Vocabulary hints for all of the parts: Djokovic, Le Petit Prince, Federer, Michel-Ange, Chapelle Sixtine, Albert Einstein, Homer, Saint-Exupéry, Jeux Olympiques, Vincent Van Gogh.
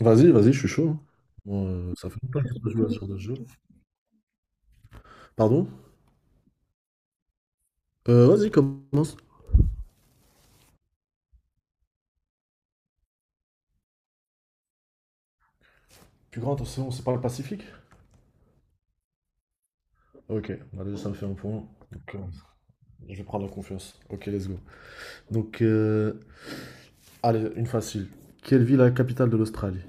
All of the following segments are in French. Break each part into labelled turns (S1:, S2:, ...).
S1: Vas-y, vas-y, je suis chaud, hein. Moi, ça fait longtemps que j'ai pas joué à ce genre de jeu. Pardon? Vas-y, commence. Plus grand océan, c'est pas le Pacifique? Ok, bah déjà ça me fait un point. Donc, je vais prendre la confiance. Ok, let's go. Donc, allez, une facile. Quelle ville est la capitale de l'Australie?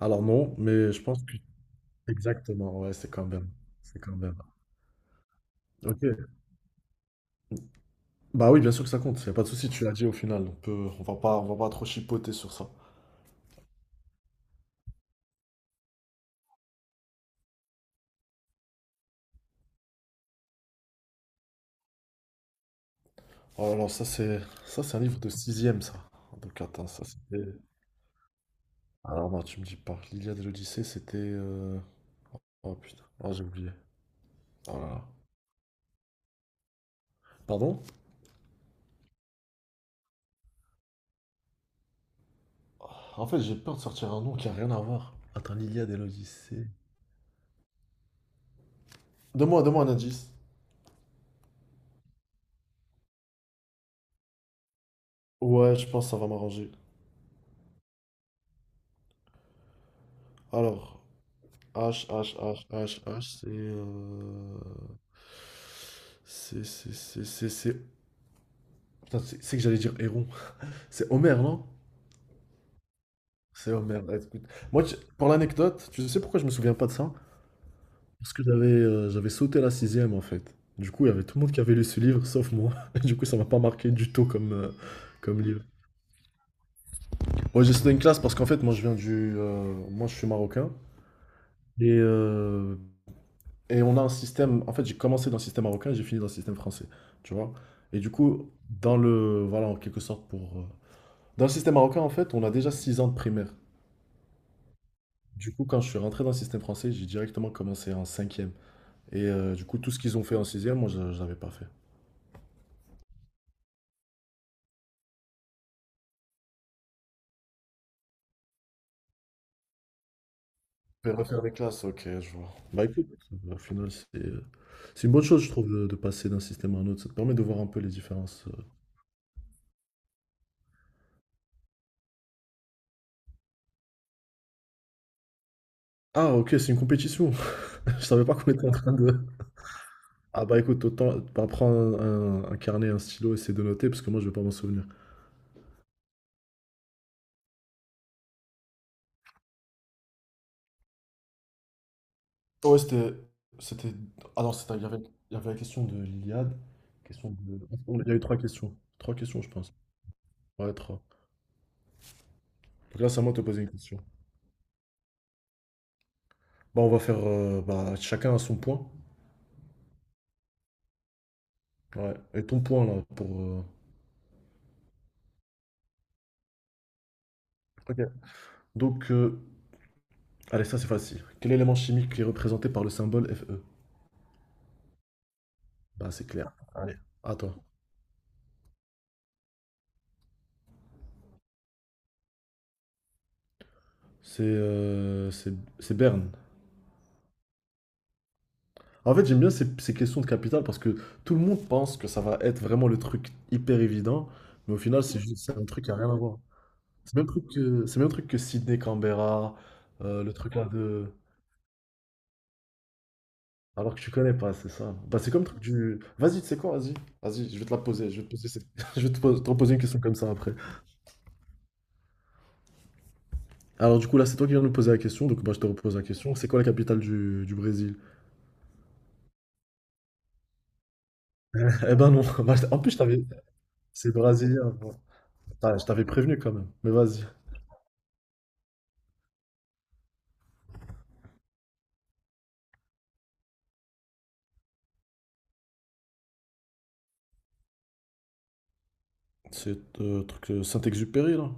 S1: Alors non, mais je pense que... Exactement, ouais, c'est quand même. C'est quand même. Ok. Bah oui, bien sûr que ça compte. Y a pas de souci, tu l'as dit au final. On va pas trop chipoter sur ça. Oh là là, ça c'est un livre de sixième, ça. Donc attends, ça c'est. Alors non, tu me dis pas. L'Iliade et l'Odyssée, c'était... Oh putain, oh, j'ai oublié. Oh là là. Pardon? Oh, en fait, j'ai peur de sortir un nom qui a rien à voir. Attends, l'Iliade et l'Odyssée. Donne-moi, donne-moi un indice. Ouais, je pense que ça va m'arranger. Alors, H, H, H, H, H, c'est... c'est... Putain, c'est que j'allais dire Héron. C'est Homer, non? C'est Homer. Ouais, écoute, moi, pour l'anecdote, tu sais pourquoi je me souviens pas de ça? Parce que j'avais sauté la sixième en fait. Du coup, il y avait tout le monde qui avait lu ce livre, sauf moi. Et du coup, ça m'a pas marqué du tout comme livre. Ouais, j'ai sauté une classe parce qu'en fait, moi, je viens du... moi, je suis marocain. Et, euh, et on a un système... En fait, j'ai commencé dans le système marocain et j'ai fini dans le système français. Tu vois? Et du coup, dans le... Voilà, en quelque sorte, pour... Dans le système marocain, en fait, on a déjà 6 ans de primaire. Du coup, quand je suis rentré dans le système français, j'ai directement commencé en cinquième. Et du coup, tout ce qu'ils ont fait en sixième, moi, je l'avais pas fait. Je vais refaire des classes, ok, je vois. Bah écoute, au final, c'est une bonne chose, je trouve, de passer d'un système à un autre. Ça te permet de voir un peu les différences. Ah, ok, c'est une compétition. Je savais pas qu'on était en train de. Ah, bah écoute, autant bah, prends un carnet, un stylo, essayer de noter, parce que moi, je vais pas m'en souvenir. Ouais, c'était. C'était. Ah non, il y avait la question de l'Iliade. Question de... Il y a eu trois questions. Trois questions, je pense. Ouais, trois. Donc là, c'est à moi de te poser une question. Bah, on va faire bah, chacun à son point. Ouais. Et ton point, là, pour. Ok. Donc, allez, ça c'est facile. Quel élément chimique est représenté par le symbole Fe? Bah, c'est clair. Allez, à toi. C'est euh, c'est c'est Berne. En fait, j'aime bien ces questions de capitale parce que tout le monde pense que ça va être vraiment le truc hyper évident, mais au final, c'est juste c'est un truc qui a rien à voir. C'est le même truc que, c'est le même truc que Sydney Canberra, le truc là de. Alors que tu connais pas, c'est ça. Bah, c'est comme le truc du. Vas-y, tu sais quoi, vas-y. Vas-y, je vais te la poser. Je vais te poser cette- je vais te pos- te reposer une question comme ça après. Alors du coup là c'est toi qui viens de me poser la question, donc bah, je te repose la question. C'est quoi la capitale du Brésil? Eh ben non, bah, en plus je t'avais... C'est brésilien. Bon. Putain, je t'avais prévenu quand même, mais vas-y. C'est truc Saint-Exupéry là?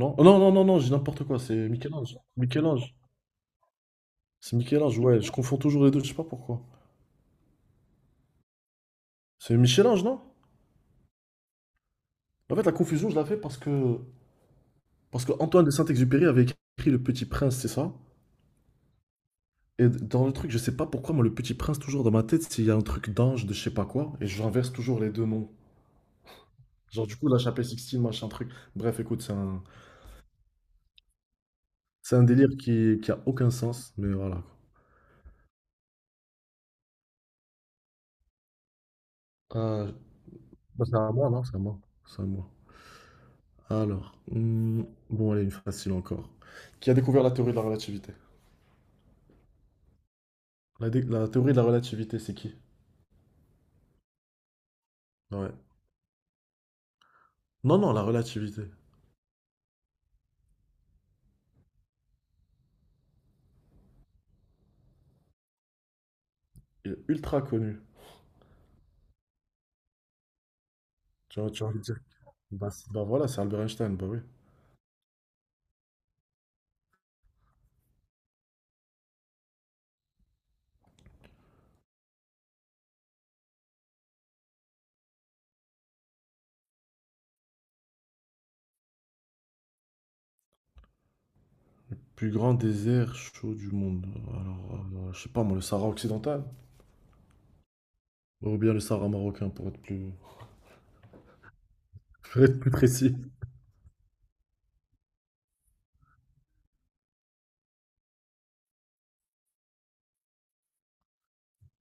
S1: Non? Oh, non, non, non, non, j'ai n'importe quoi, c'est Michel-Ange. Michel-Ange. C'est Michel-Ange, ouais, je confonds toujours les deux, je sais pas pourquoi. C'est Michel-Ange, non? En fait la confusion je la fais parce que... Parce que Antoine de Saint-Exupéry avait écrit Le Petit Prince, c'est ça? Et dans le truc, je sais pas pourquoi, moi, Le Petit Prince, toujours dans ma tête, s'il y a un truc d'ange, de je sais pas quoi, et j'inverse toujours les deux noms. Genre, du coup, la chapelle Sixtine, machin truc. Bref, écoute, c'est un délire qui a aucun sens, mais voilà. Quoi. Euh, Bah, c'est à moi, non? C'est à moi. C'est à moi. Alors, bon, allez, une facile encore. Qui a découvert la théorie de la relativité? La théorie de la relativité, c'est qui? Ouais. Non, non, la relativité. Il est ultra connu. Tu vois, tu as envie de dire. Bah, voilà, c'est Albert Einstein, bah oui. Plus grand désert chaud du monde. Alors, je sais pas, moi, le Sahara occidental. Ou bien le Sahara marocain, pour être plus, pour être plus précis.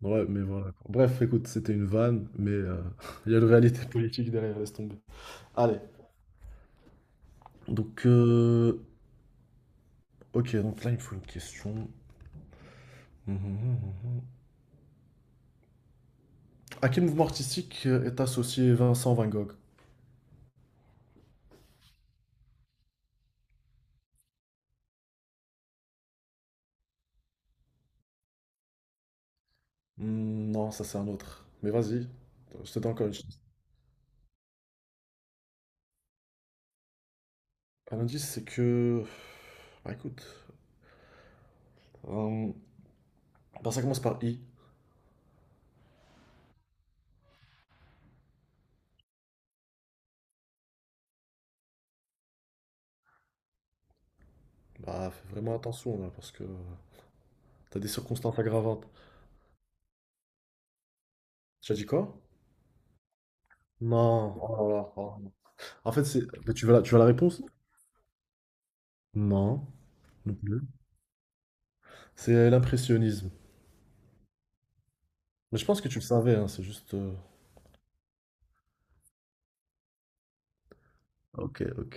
S1: Ouais, mais voilà. Quoi. Bref, écoute, c'était une vanne, mais il y a une réalité politique derrière, laisse tomber. Allez. Donc, ok, donc là, il me faut une question. Mhm, mhm, mhm. À quel mouvement artistique est associé Vincent Van Gogh? Hmm, non, ça c'est un autre. Mais vas-y, je te donne encore une chance. Un indice, c'est que... Bah écoute, euh, bah, ça commence par I. Bah fais vraiment attention là, parce que t'as des circonstances aggravantes. Tu as dit quoi? Non. Oh là là, oh. En fait, c'est... mais tu veux la réponse? Non, non plus. C'est l'impressionnisme. Mais je pense que tu le savais, hein, c'est juste. Ok, ok.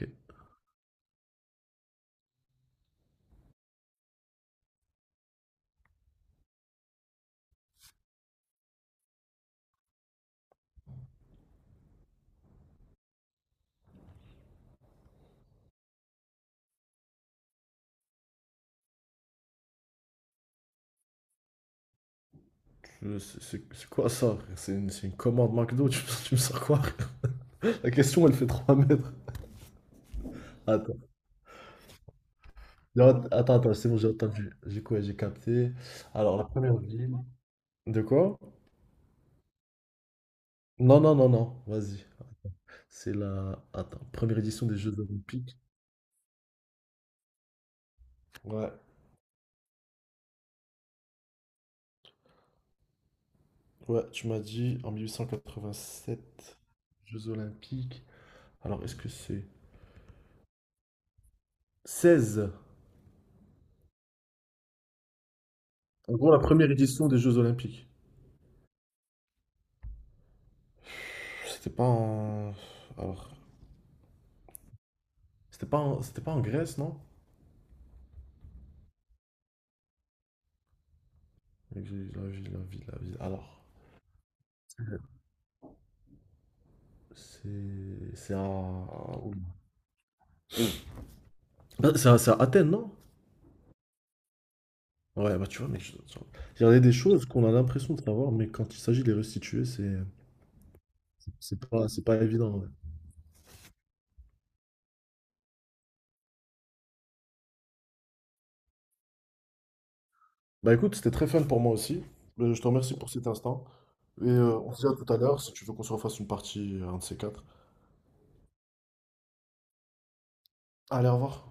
S1: C'est quoi ça? C'est une commande McDo, me tu me sors quoi? La question, elle fait 3 mètres. Attends. Non, attends, attends, c'est bon, j'ai entendu. J'ai quoi? J'ai capté. Alors, la première ville. De quoi? Non, non, non, non, vas-y. C'est la. Attends, première édition des Jeux Olympiques. Ouais, ouais, tu m'as dit en 1887. Jeux Olympiques. Alors, est-ce que c'est seize. En gros, la première édition des Jeux Olympiques. C'était pas en. Alors. C'était pas en Grèce, non? La ville, la ville, la ville, la ville. Alors. C'est. C'est à. Où. Ah, c'est à Athènes, non? Ouais, bah tu vois, mais. Je- Il y en a des choses qu'on a l'impression de savoir, mais quand il s'agit de les restituer, c'est. C'est pas évident, ouais. Bah écoute, c'était très fun pour moi aussi. Je te remercie pour cet instant. Et on se dit à tout à l'heure si tu veux qu'on se refasse une partie, un de ces quatre. Allez, au revoir.